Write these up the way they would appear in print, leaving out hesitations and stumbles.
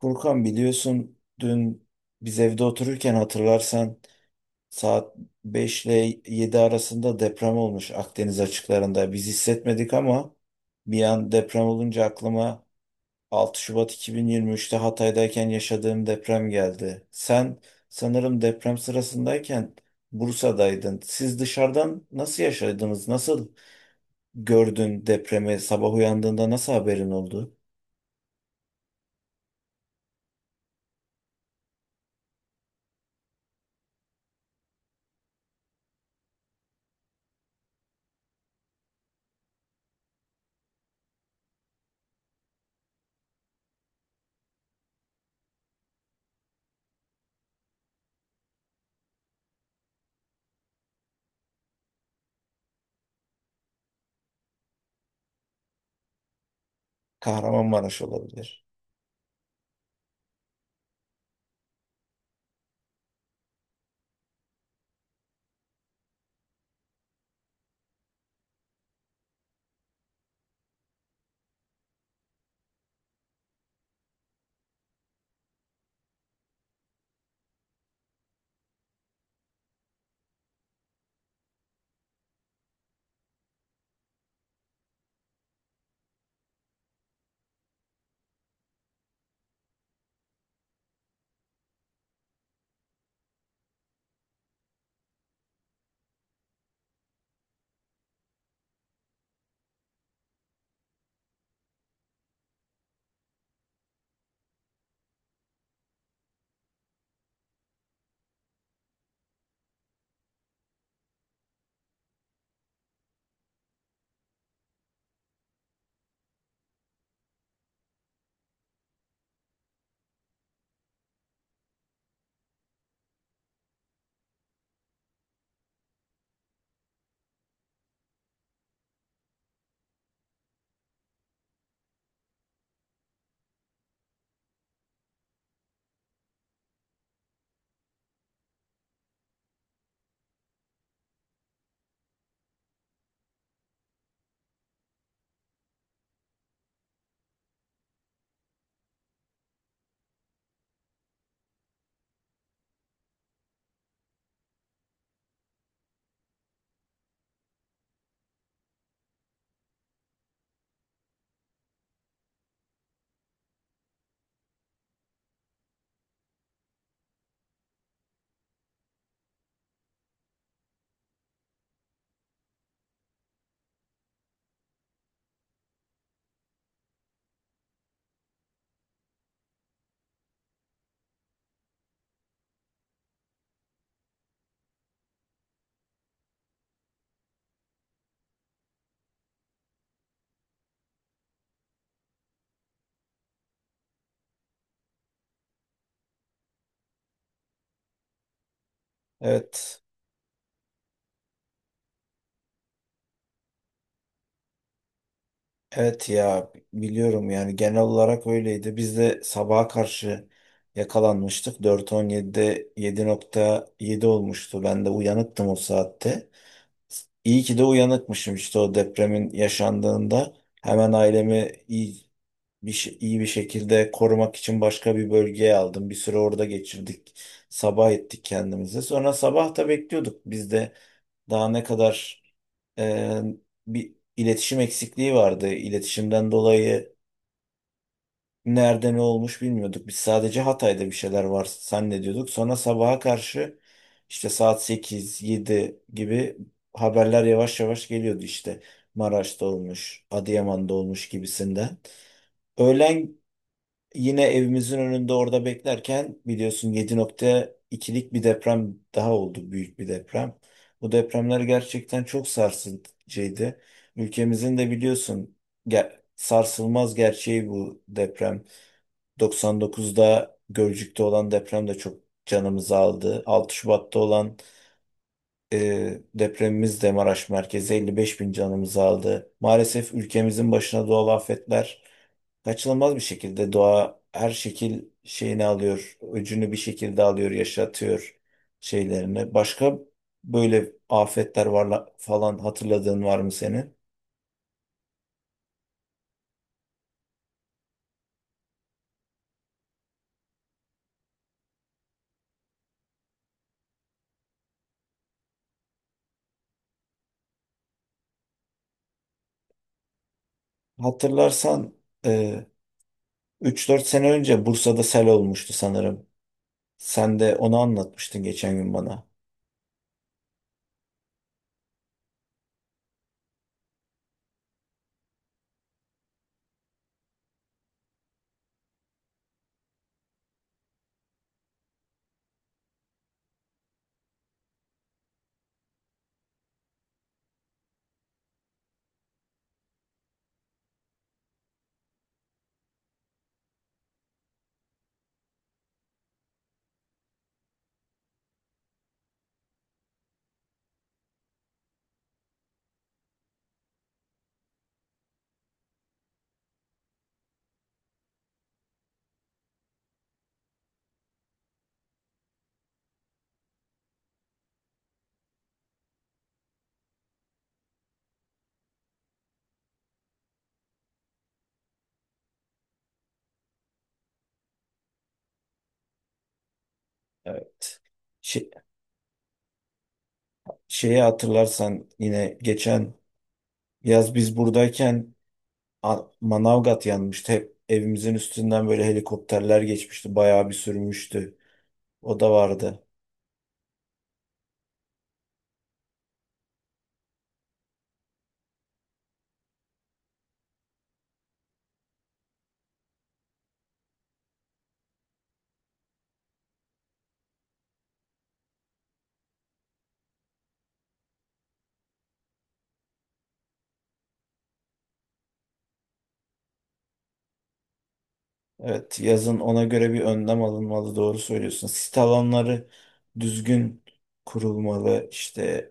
Furkan, biliyorsun dün biz evde otururken hatırlarsan saat 5 ile 7 arasında deprem olmuş Akdeniz açıklarında. Biz hissetmedik ama bir an deprem olunca aklıma 6 Şubat 2023'te Hatay'dayken yaşadığım deprem geldi. Sen sanırım deprem sırasındayken Bursa'daydın. Siz dışarıdan nasıl yaşadınız? Nasıl gördün depremi? Sabah uyandığında nasıl haberin oldu? Kahramanmaraş olabilir. Evet. Evet ya, biliyorum yani genel olarak öyleydi. Biz de sabaha karşı yakalanmıştık. 4.17'de 7.7 olmuştu. Ben de uyanıktım o saatte. İyi ki de uyanıkmışım işte o depremin yaşandığında. Hemen ailemi iyi bir şekilde korumak için başka bir bölgeye aldım. Bir süre orada geçirdik. Sabah ettik kendimizi. Sonra sabah da bekliyorduk. Biz de daha ne kadar e, bir iletişim eksikliği vardı. İletişimden dolayı nerede ne olmuş bilmiyorduk. Biz sadece Hatay'da bir şeyler var zannediyorduk. Sonra sabaha karşı işte saat 8 7 gibi haberler yavaş yavaş geliyordu işte. Maraş'ta olmuş, Adıyaman'da olmuş gibisinden. Öğlen yine evimizin önünde orada beklerken biliyorsun 7.2'lik bir deprem daha oldu, büyük bir deprem. Bu depremler gerçekten çok sarsıcıydı. Ülkemizin de biliyorsun sarsılmaz gerçeği bu deprem. 99'da Gölcük'te olan deprem de çok canımızı aldı. 6 Şubat'ta olan depremimiz de Maraş merkezi 55 bin canımızı aldı. Maalesef ülkemizin başına doğal afetler kaçınılmaz bir şekilde doğa her şekil şeyini alıyor, öcünü bir şekilde alıyor, yaşatıyor şeylerini. Başka böyle afetler var falan, hatırladığın var mı senin? Hatırlarsan e, 3-4 sene önce Bursa'da sel olmuştu sanırım. Sen de onu anlatmıştın geçen gün bana. Evet. Şey- Şeyi hatırlarsan yine geçen yaz biz buradayken Manavgat yanmıştı. Hep evimizin üstünden böyle helikopterler geçmişti. Bayağı bir sürmüştü. O da vardı. Evet, yazın ona göre bir önlem alınmalı. Doğru söylüyorsun. Sit alanları düzgün kurulmalı. İşte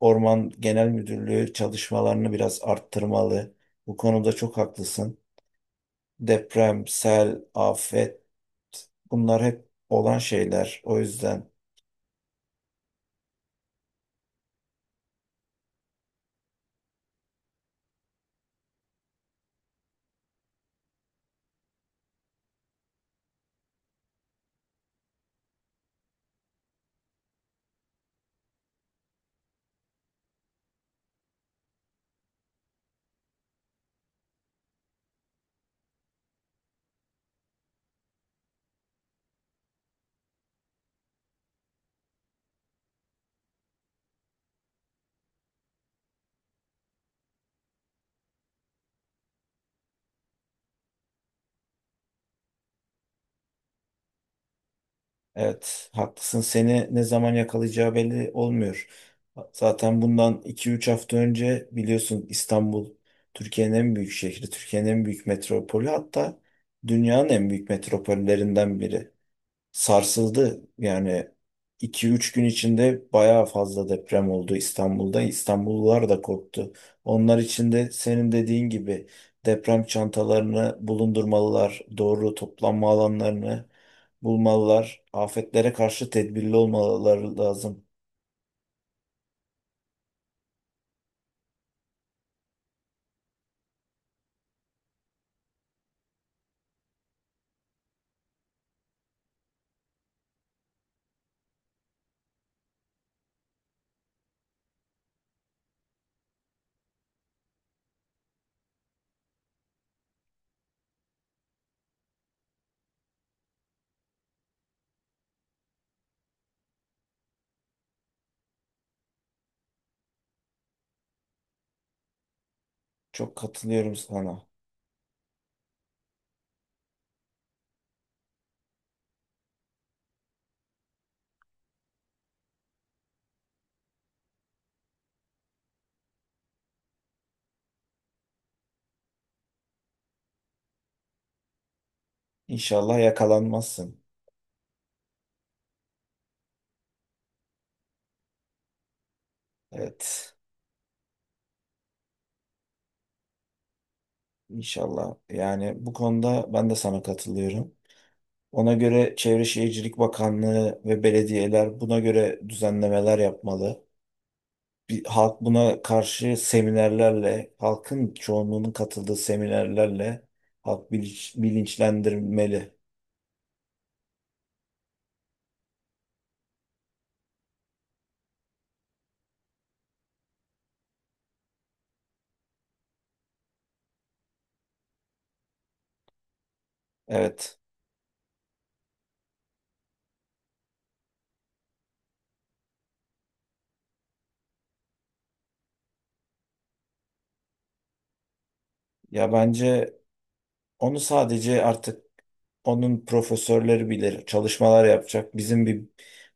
Orman Genel Müdürlüğü çalışmalarını biraz arttırmalı. Bu konuda çok haklısın. Deprem, sel, afet. Bunlar hep olan şeyler. O yüzden evet, haklısın. Seni ne zaman yakalayacağı belli olmuyor. Zaten bundan iki üç hafta önce biliyorsun İstanbul, Türkiye'nin en büyük şehri, Türkiye'nin en büyük metropolü, hatta dünyanın en büyük metropollerinden biri sarsıldı. Yani iki üç gün içinde bayağı fazla deprem oldu İstanbul'da. İstanbullular da korktu. Onlar için de senin dediğin gibi deprem çantalarını bulundurmalılar, doğru toplanma alanlarını bulmalılar, afetlere karşı tedbirli olmaları lazım. Çok katılıyorum sana. İnşallah yakalanmazsın. Evet, inşallah. Yani bu konuda ben de sana katılıyorum. Ona göre Çevre Şehircilik Bakanlığı ve belediyeler buna göre düzenlemeler yapmalı. Bir, halk buna karşı seminerlerle, halkın çoğunluğunun katıldığı seminerlerle halk bilinçlendirmeli. Evet. Ya bence onu sadece artık onun profesörleri bilir, çalışmalar yapacak. Bizim bir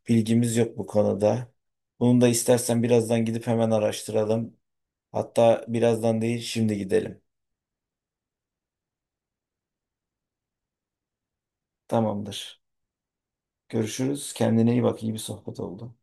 bilgimiz yok bu konuda. Bunu da istersen birazdan gidip hemen araştıralım. Hatta birazdan değil, şimdi gidelim. Tamamdır. Görüşürüz. Kendine iyi bak. İyi bir sohbet oldu.